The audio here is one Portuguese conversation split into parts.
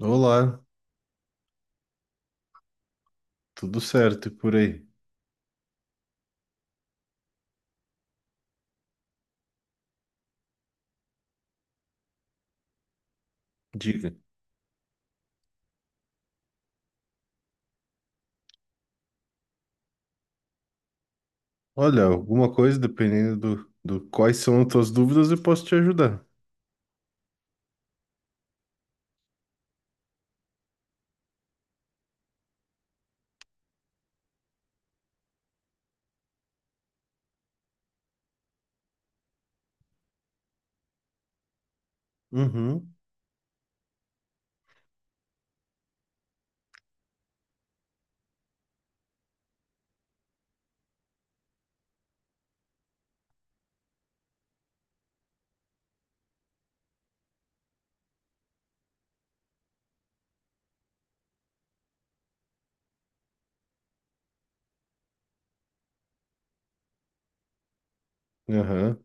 Olá, tudo certo e por aí? Diga. Olha, alguma coisa, dependendo do quais são as tuas dúvidas, eu posso te ajudar. Uhum, aham.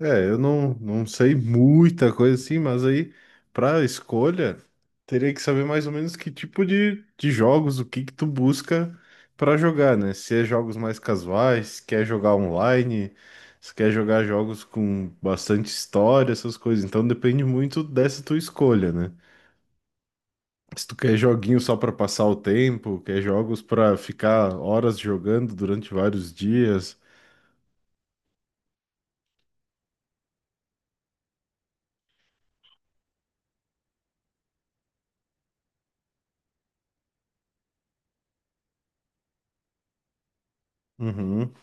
É, eu não sei muita coisa assim, mas aí, pra escolha, teria que saber mais ou menos que tipo de jogos, o que que tu busca pra jogar, né? Se é jogos mais casuais, se quer jogar online, se quer jogar jogos com bastante história, essas coisas. Então depende muito dessa tua escolha, né? Se tu quer joguinho só pra passar o tempo, quer jogos pra ficar horas jogando durante vários dias. Uhum,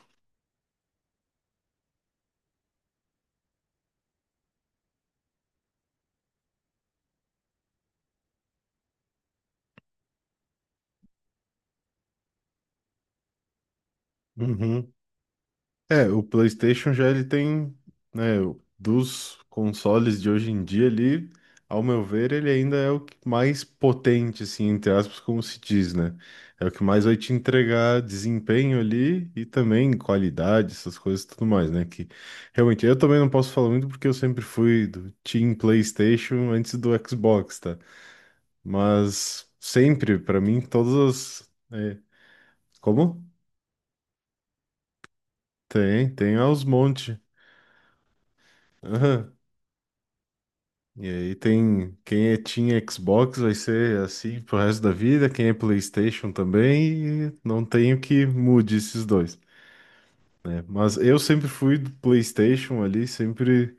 uhum. É, o PlayStation já ele tem, né, dos consoles de hoje em dia ele, ao meu ver, ele ainda é o que mais potente, assim, entre aspas, como se diz, né? É o que mais vai te entregar desempenho ali e também qualidade, essas coisas e tudo mais, né? Que realmente eu também não posso falar muito porque eu sempre fui do Team PlayStation antes do Xbox, tá? Mas sempre, pra mim, todas as. É, como? Tem aos monte. Aham. E aí tem quem é Team Xbox vai ser assim pro resto da vida, quem é PlayStation também, e não tenho que mude esses dois. É, mas eu sempre fui do PlayStation ali, sempre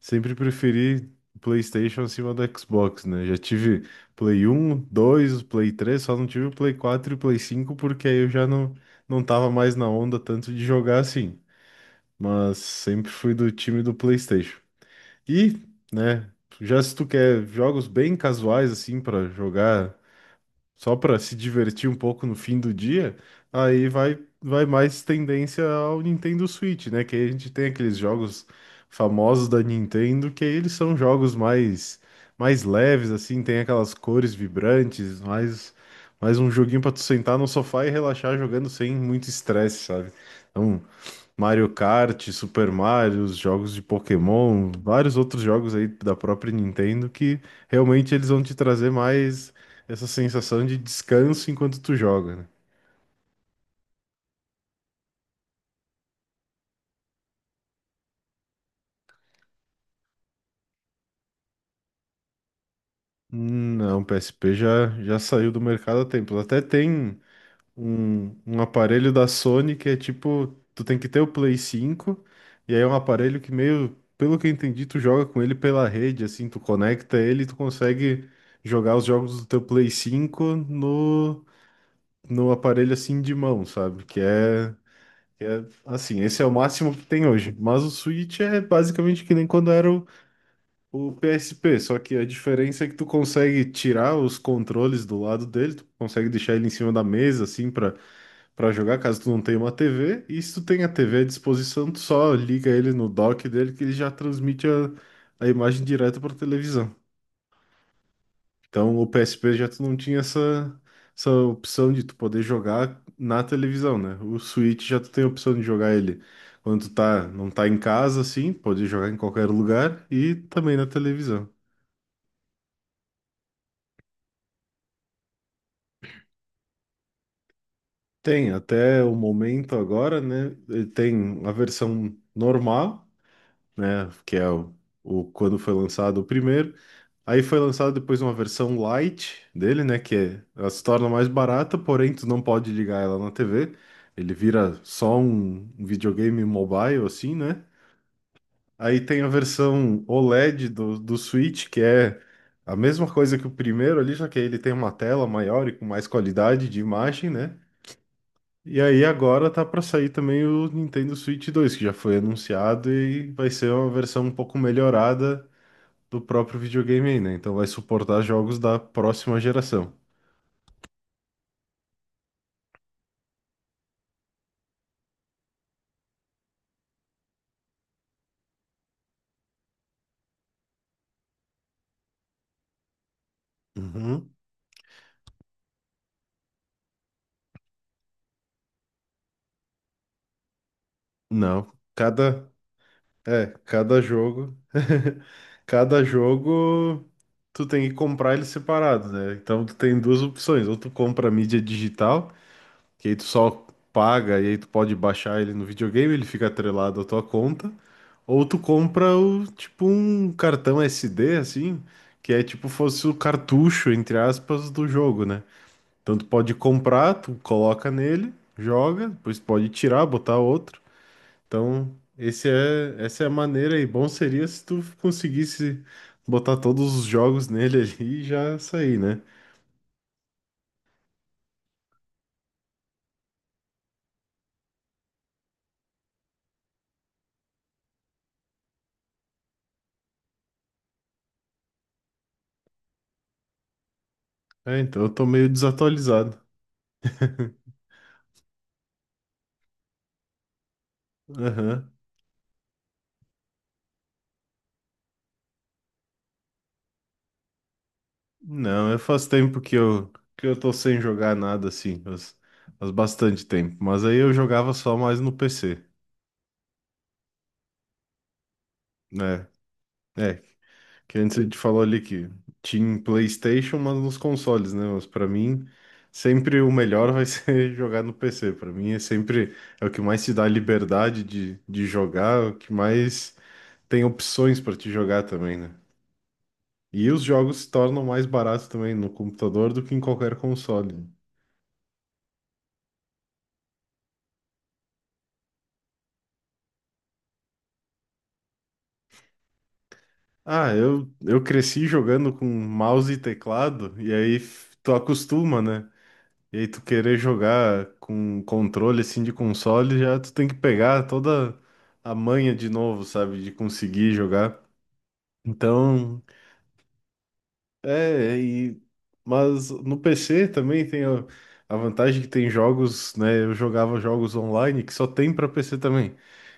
Sempre preferi PlayStation acima do Xbox, né? Já tive Play 1, 2, Play 3, só não tive o Play 4 e o Play 5 porque aí eu já não tava mais na onda tanto de jogar assim. Mas sempre fui do time do PlayStation. E, né, já se tu quer jogos bem casuais assim pra jogar só para se divertir um pouco no fim do dia, aí vai mais tendência ao Nintendo Switch, né? Que aí a gente tem aqueles jogos famosos da Nintendo, que aí eles são jogos mais leves, assim, tem aquelas cores vibrantes, mais um joguinho para tu sentar no sofá e relaxar jogando sem muito estresse, sabe? Então, Mario Kart, Super Mario, os jogos de Pokémon, vários outros jogos aí da própria Nintendo que realmente eles vão te trazer mais essa sensação de descanso enquanto tu joga, né? Não, o PSP já saiu do mercado há tempos. Até tem um aparelho da Sony que é tipo, tu tem que ter o Play 5, e aí é um aparelho que meio, pelo que eu entendi, tu joga com ele pela rede, assim, tu conecta ele e tu consegue jogar os jogos do teu Play 5 no no aparelho assim de mão, sabe? Que é assim, esse é o máximo que tem hoje. Mas o Switch é basicamente que nem quando era o PSP, só que a diferença é que tu consegue tirar os controles do lado dele, tu consegue deixar ele em cima da mesa assim para jogar, caso tu não tenha uma TV, e se tu tem a TV à disposição, tu só liga ele no dock dele que ele já transmite a imagem direta para televisão. Então, o PSP já tu não tinha essa opção de tu poder jogar na televisão, né? O Switch já tu tem a opção de jogar ele quando tu tá, não tá em casa, assim, pode jogar em qualquer lugar e também na televisão. Tem, até o momento agora, né? Ele tem a versão normal, né? Que é quando foi lançado o primeiro. Aí foi lançado depois uma versão light dele, né? Ela se torna mais barata, porém tu não pode ligar ela na TV. Ele vira só um videogame mobile, assim, né? Aí tem a versão OLED do Switch, que é a mesma coisa que o primeiro ali, só que aí ele tem uma tela maior e com mais qualidade de imagem, né? E aí agora tá para sair também o Nintendo Switch 2, que já foi anunciado e vai ser uma versão um pouco melhorada do próprio videogame aí, né? Então vai suportar jogos da próxima geração. Uhum. Não, cada jogo, cada jogo tu tem que comprar ele separado, né? Então tu tem duas opções, ou tu compra a mídia digital que aí tu só paga e aí tu pode baixar ele no videogame, ele fica atrelado à tua conta. Ou tu compra o, tipo um cartão SD, assim, que é tipo fosse o cartucho, entre aspas, do jogo, né? Então tu pode comprar, tu coloca nele, joga, depois tu pode tirar, botar outro. Então, essa é a maneira e bom seria se tu conseguisse botar todos os jogos nele ali e já sair, né? É, então eu tô meio desatualizado. Aham. Não, eu faz tempo que eu tô sem jogar nada assim, faz bastante tempo. Mas aí eu jogava só mais no PC, né? É, que antes a gente falou ali que tinha PlayStation, mas nos consoles, né? Mas pra mim, sempre o melhor vai ser jogar no PC. Pra mim é sempre é o que mais te dá liberdade de jogar, é o que mais tem opções pra te jogar também, né? E os jogos se tornam mais baratos também no computador do que em qualquer console. Ah, eu cresci jogando com mouse e teclado, e aí tu acostuma, né? E aí tu querer jogar com controle assim de console, já tu tem que pegar toda a manha de novo, sabe? De conseguir jogar. Então, é, e, mas no PC também tem a vantagem que tem jogos, né? Eu jogava jogos online que só tem pra PC também.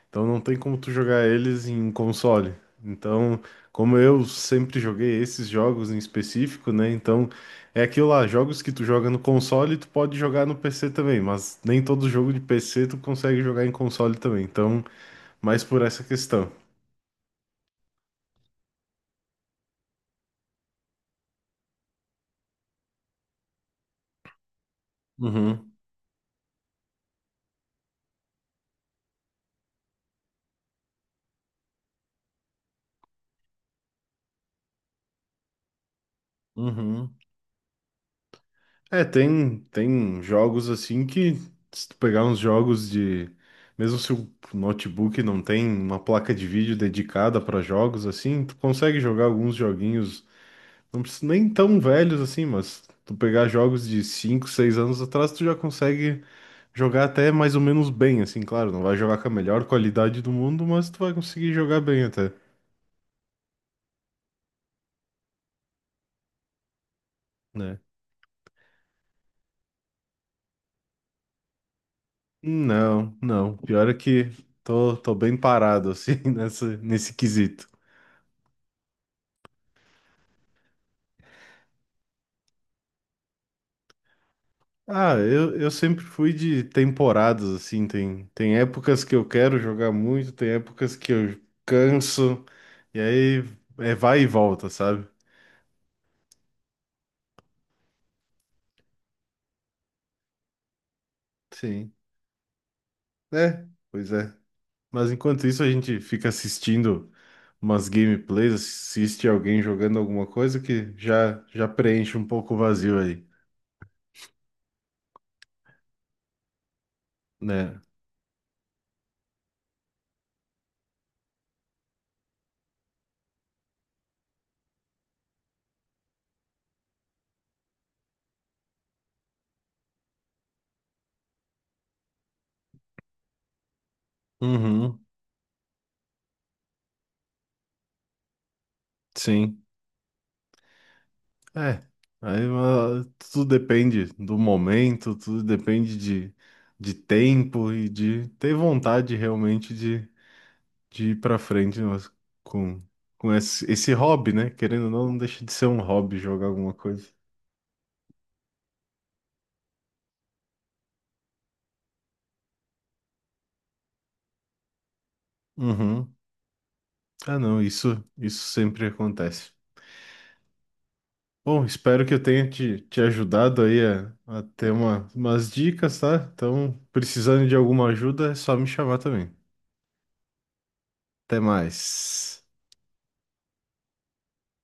Então não tem como tu jogar eles em console. Então, como eu sempre joguei esses jogos em específico, né? Então é aquilo lá, jogos que tu joga no console, tu pode jogar no PC também, mas nem todo jogo de PC tu consegue jogar em console também. Então, mais por essa questão. Uhum, uhum. É, tem jogos assim que, se tu pegar uns jogos de. Mesmo se o notebook não tem uma placa de vídeo dedicada para jogos assim, tu consegue jogar alguns joguinhos. Não precisa nem tão velhos assim, mas tu pegar jogos de 5, 6 anos atrás, tu já consegue jogar até mais ou menos bem, assim, claro, não vai jogar com a melhor qualidade do mundo, mas tu vai conseguir jogar bem até, né? Não, não. Pior é que tô bem parado, assim, nesse quesito. Ah, eu sempre fui de temporadas, assim, tem épocas que eu quero jogar muito, tem épocas que eu canso, e aí é vai e volta, sabe? Sim. É, pois é. Mas enquanto isso, a gente fica assistindo umas gameplays, assiste alguém jogando alguma coisa que já preenche um pouco o vazio aí, né? Uhum, sim. É. Aí, tudo depende do momento, tudo depende de tempo e de ter vontade realmente de ir pra frente mas com, com esse hobby, né? Querendo ou não, não deixa de ser um hobby jogar alguma coisa. Uhum. Ah, não, isso sempre acontece. Bom, espero que eu tenha te ajudado aí a ter umas dicas, tá? Então, precisando de alguma ajuda, é só me chamar também. Até mais.